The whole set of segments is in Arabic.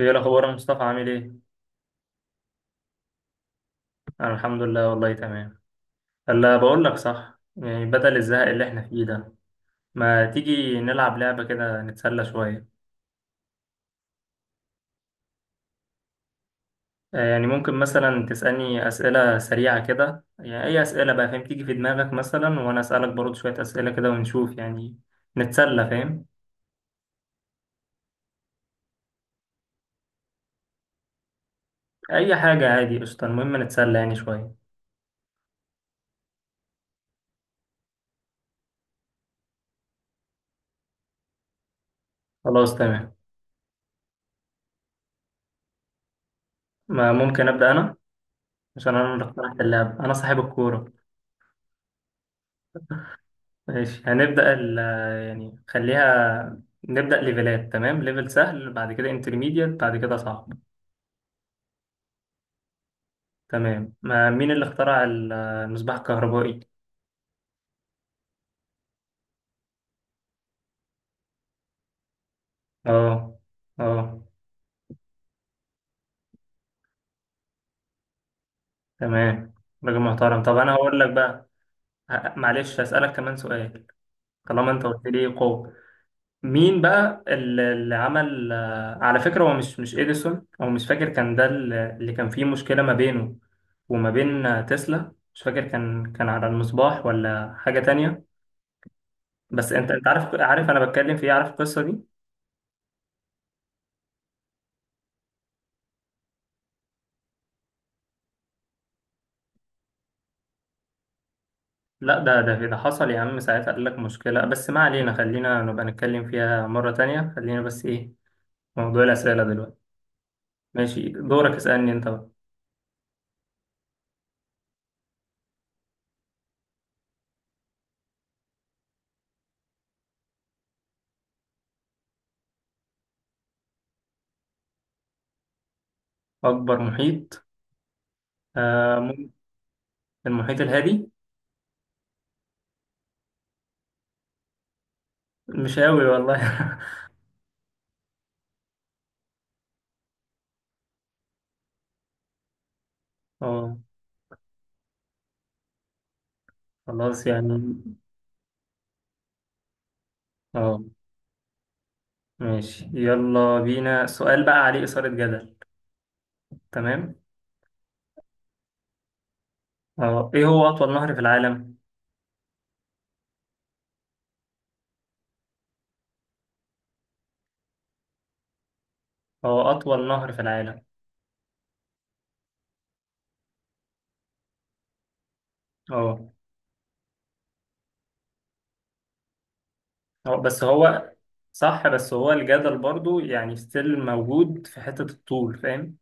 ايه الاخبار يا مصطفى؟ عامل ايه؟ انا الحمد لله، والله تمام. هلا بقول لك صح، يعني بدل الزهق اللي احنا فيه ده، ما تيجي نلعب لعبة كده نتسلى شوية. يعني ممكن مثلا تسألني أسئلة سريعة كده، يعني اي أسئلة بقى، فاهم، تيجي في دماغك مثلا، وانا أسألك برضه شوية أسئلة كده ونشوف، يعني نتسلى، فاهم. اي حاجة عادي، قشطة، المهم نتسلى يعني شوية. خلاص تمام. ما ممكن أبدأ انا، عشان انا اللي اقترحت اللعبة، انا صاحب الكورة. ماشي، هنبدأ ال يعني خليها نبدأ ليفلات، تمام، ليفل سهل بعد كده انترميديت بعد كده صعب. تمام، ما مين اللي اخترع المصباح الكهربائي؟ اه. اه. تمام، راجل محترم. طب انا هقول لك بقى، معلش هسألك كمان سؤال، طالما انت قلت لي قوة. مين بقى اللي عمل على فكرة، هو مش اديسون، او مش فاكر، كان ده اللي كان فيه مشكلة ما بينه وما بين، تسلا، مش فاكر كان على المصباح ولا حاجة تانية؟ بس انت عارف، انا بتكلم في ايه، عارف القصه دي. لا، ده حصل يا عم، ساعتها قال لك مشكله، بس ما علينا، خلينا نبقى نتكلم فيها مره تانية، خلينا بس ايه، في موضوع الاسئله دلوقتي. ماشي، دورك، اسالني انت بقى. اكبر محيط، آه مم- المحيط الهادي. مش قوي والله. اه خلاص يعني. اه ماشي، يلا بينا. سؤال بقى عليه اثاره جدل. تمام. اه، ايه هو اطول نهر في العالم؟ هو اطول نهر في العالم. اه. هو بس هو. صح، بس هو الجدل برضو يعني ستيل موجود في حتة الطول، فاهم.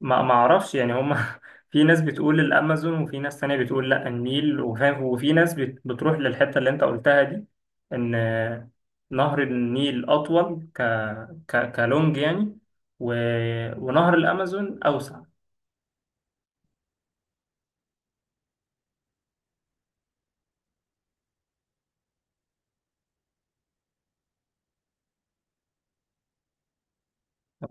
ما اعرفش يعني، هما في ناس بتقول الامازون، وفي ناس تانية بتقول لا النيل، وفاهم، وفي ناس بتروح للحتة اللي انت قلتها دي، ان نهر النيل اطول ك ك كلونج يعني، و... ونهر الامازون اوسع.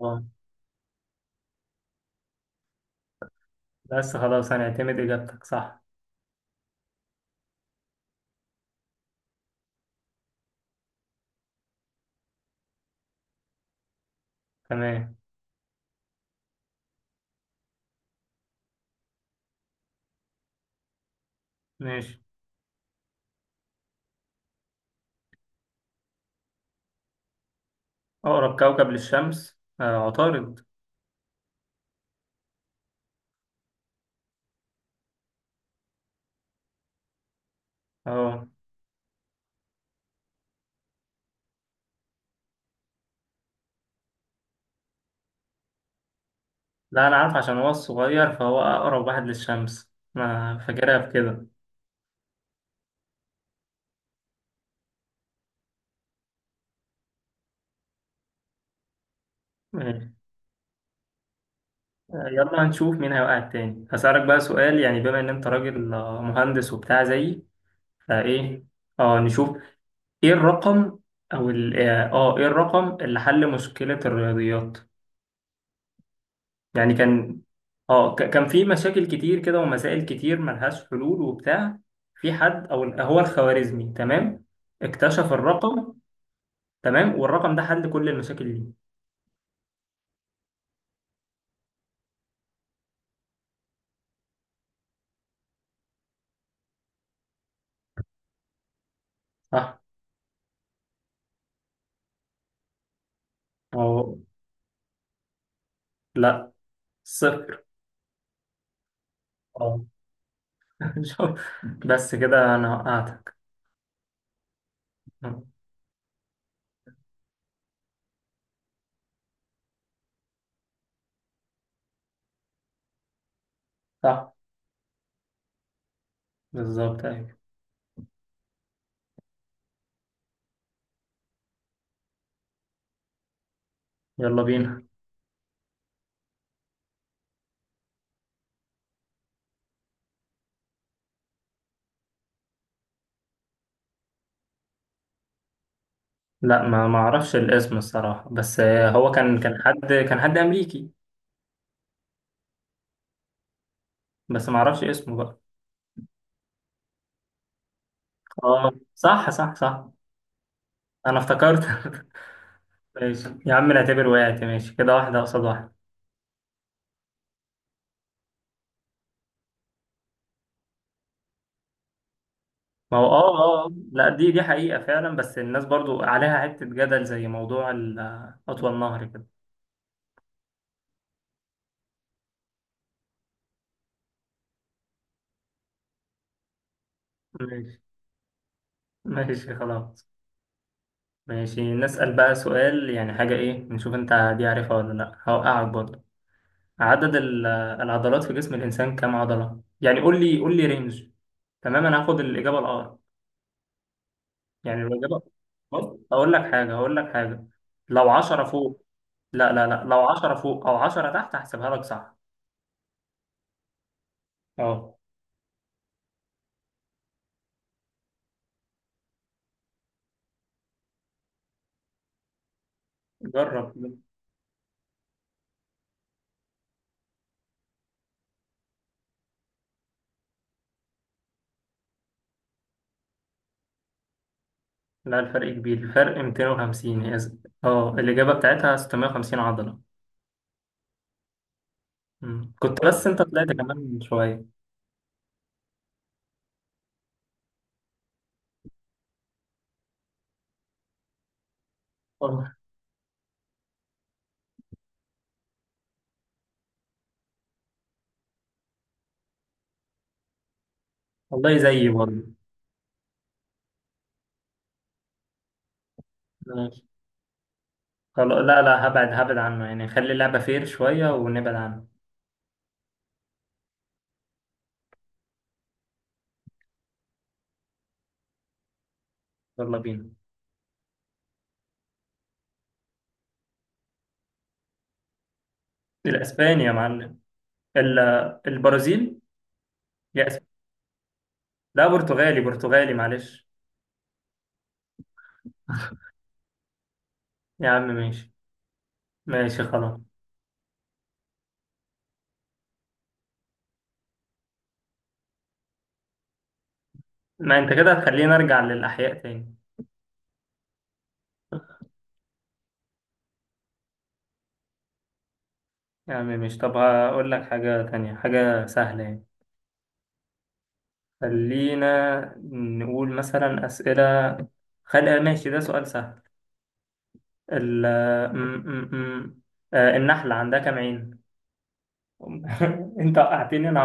اه، بس خلاص هنعتمد اجابتك صح. تمام ماشي. اقرب كوكب للشمس عطارد. اه. لا، أنا عارف، عشان هو الصغير فهو أقرب واحد للشمس، أنا فاكرها بكده. ماشي، يلا هنشوف مين هيوقع التاني. هسألك بقى سؤال، يعني بما إن أنت راجل مهندس وبتاع زيي، فإيه، أه نشوف. إيه الرقم، أو ال آه آه، إيه الرقم اللي حل مشكلة الرياضيات؟ يعني كان، أه كان في مشاكل كتير كده ومسائل كتير ملهاش حلول وبتاع، في حد أو هو الخوارزمي، تمام، اكتشف الرقم. تمام، والرقم ده حل كل المشاكل دي. صح. أو لا، صفر. أه. شوف، بس كده أنا وقعتك. أه، صح، بالظبط، أيوة. يلا بينا. لا، ما أعرفش الاسم الصراحة، بس هو كان، كان حد، حد أمريكي. بس ما أعرفش اسمه بقى. أه، صح، أنا افتكرت. ماشي يا عم، نعتبر وقعت، ماشي كده، واحدة قصاد واحدة. ما هو لا، دي حقيقة فعلا، بس الناس برضو عليها حتة جدل، زي موضوع أطول نهر كده. ماشي ماشي. خلاص ماشي، نسأل بقى سؤال يعني، حاجة إيه، نشوف أنت دي عارفها ولا لأ، هوقعك برضه. عدد العضلات في جسم الإنسان كام عضلة؟ يعني قول لي، رينج. تمام، أنا هاخد الإجابة الأقرب، يعني لو الإجابة، بص أقول لك حاجة، لو 10 فوق، لا لو 10 فوق أو 10 تحت، هحسبها لك صح. أه جرب. لا، الفرق كبير، الفرق 250، هي أه، الإجابة بتاعتها 650 عضلة. كنت بس أنت طلعت كمان شوية. والله. والله زيي برضه. خلاص، لا، هبعد، عنه يعني، خلي اللعبة فير شوية ونبعد عنه. يلا بينا. الأسباني يا معلم، ال- البرازيل. يا أسب-، لا برتغالي، معلش. يا عم ماشي، خلاص. ما أنت كده هتخليني أرجع للأحياء تاني. يا عم ماشي، طب هقول لك حاجة تانية، حاجة سهلة يعني. خلينا نقول مثلا أسئلة، خلي، ماشي ده سؤال سهل، ال... م... م... م... النحلة عندها كام عين؟ أنت وقعتني أنا.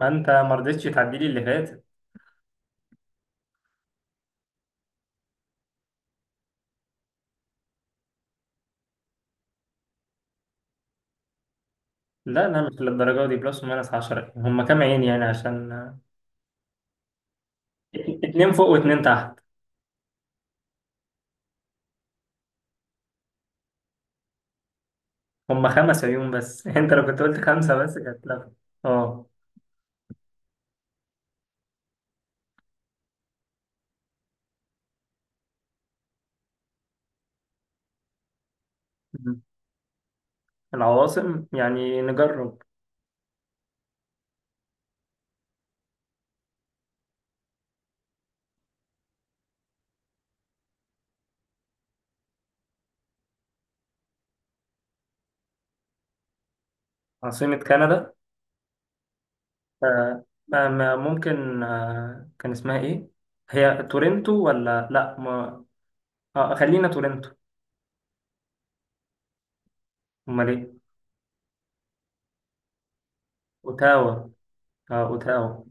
ما انت ما رضيتش تعدي لي اللي فات. لا مش للدرجه دي، بلس وماينس 10، هم كام عين يعني عشان، اتنين فوق واتنين تحت. هم خمس عيون بس. انت لو كنت قلت خمسه بس كانت لا. اه. مم. العواصم يعني نجرب. عاصمه كندا، ممكن كان اسمها ايه، هي تورنتو ولا لا، ما خلينا تورنتو. امال ايه؟ اوتاوا. اه اوتاوا.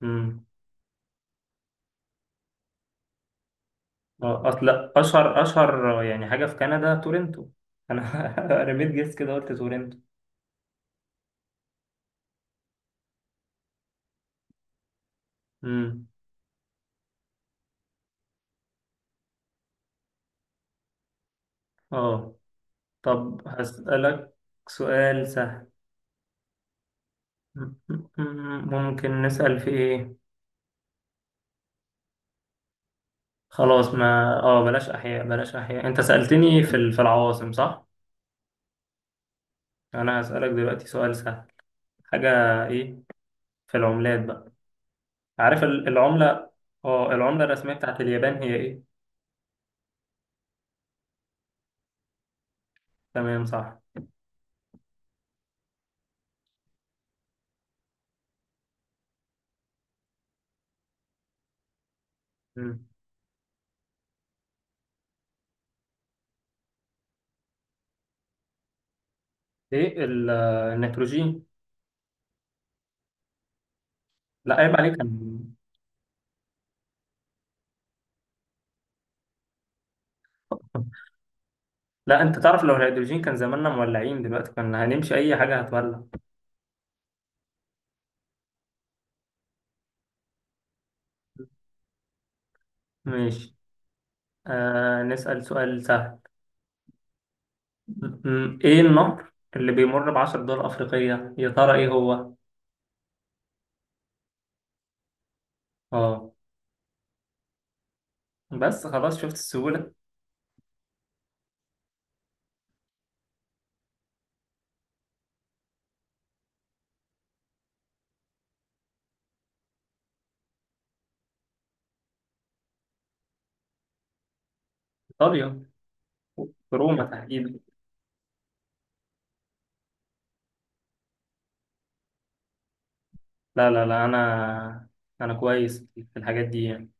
مم. اصل اشهر يعني حاجه في كندا تورنتو، انا رميت جيس كده قلت تورنتو. امم. اه، طب هسألك سؤال سهل. ممكن نسأل في ايه، خلاص، ما اه بلاش احياء، انت سألتني في في العواصم صح. انا هسألك دلوقتي سؤال سهل، حاجه، ايه، في العملات بقى، عارف العمله. اه، العمله الرسميه بتاعت اليابان هي ايه؟ تمام صح. مم. ايه، النيتروجين. لا عيب عليك. لا، انت تعرف لو الهيدروجين كان زماننا مولعين دلوقتي، كنا هنمشي اي حاجة هتولع. ماشي. آه نسأل سؤال سهل. ايه النهر اللي بيمر بعشر دول افريقية يا ترى؟ ايه هو؟ اه، بس خلاص، شفت السهولة. ايطاليا، روما تحديدا. لا، انا كويس في الحاجات دي يعني.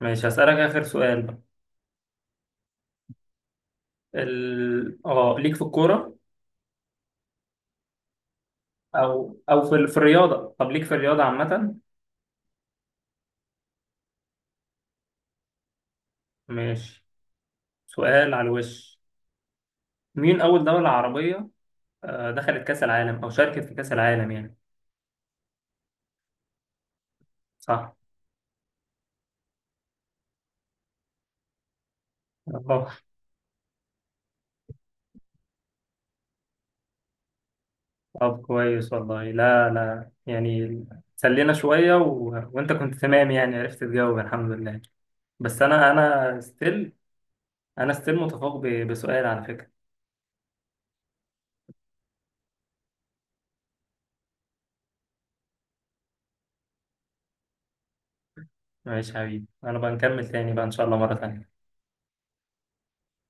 ماشي، هسألك اخر سؤال بقى. ال... اه ليك في الكورة، او او في الرياضة، طب ليك في الرياضة عامة. ماشي، سؤال على الوش، مين أول دولة عربية دخلت كأس العالم أو شاركت في كأس العالم يعني؟ صح. طب. طب كويس والله، لا يعني، سلينا شوية، وأنت كنت تمام يعني، عرفت تجاوب الحمد لله. بس أنا ستيل، أنا ستيل متفوق بسؤال على فكرة. ماشي يا حبيبي، أنا بقى نكمل تاني بقى إن شاء الله مرة تانية.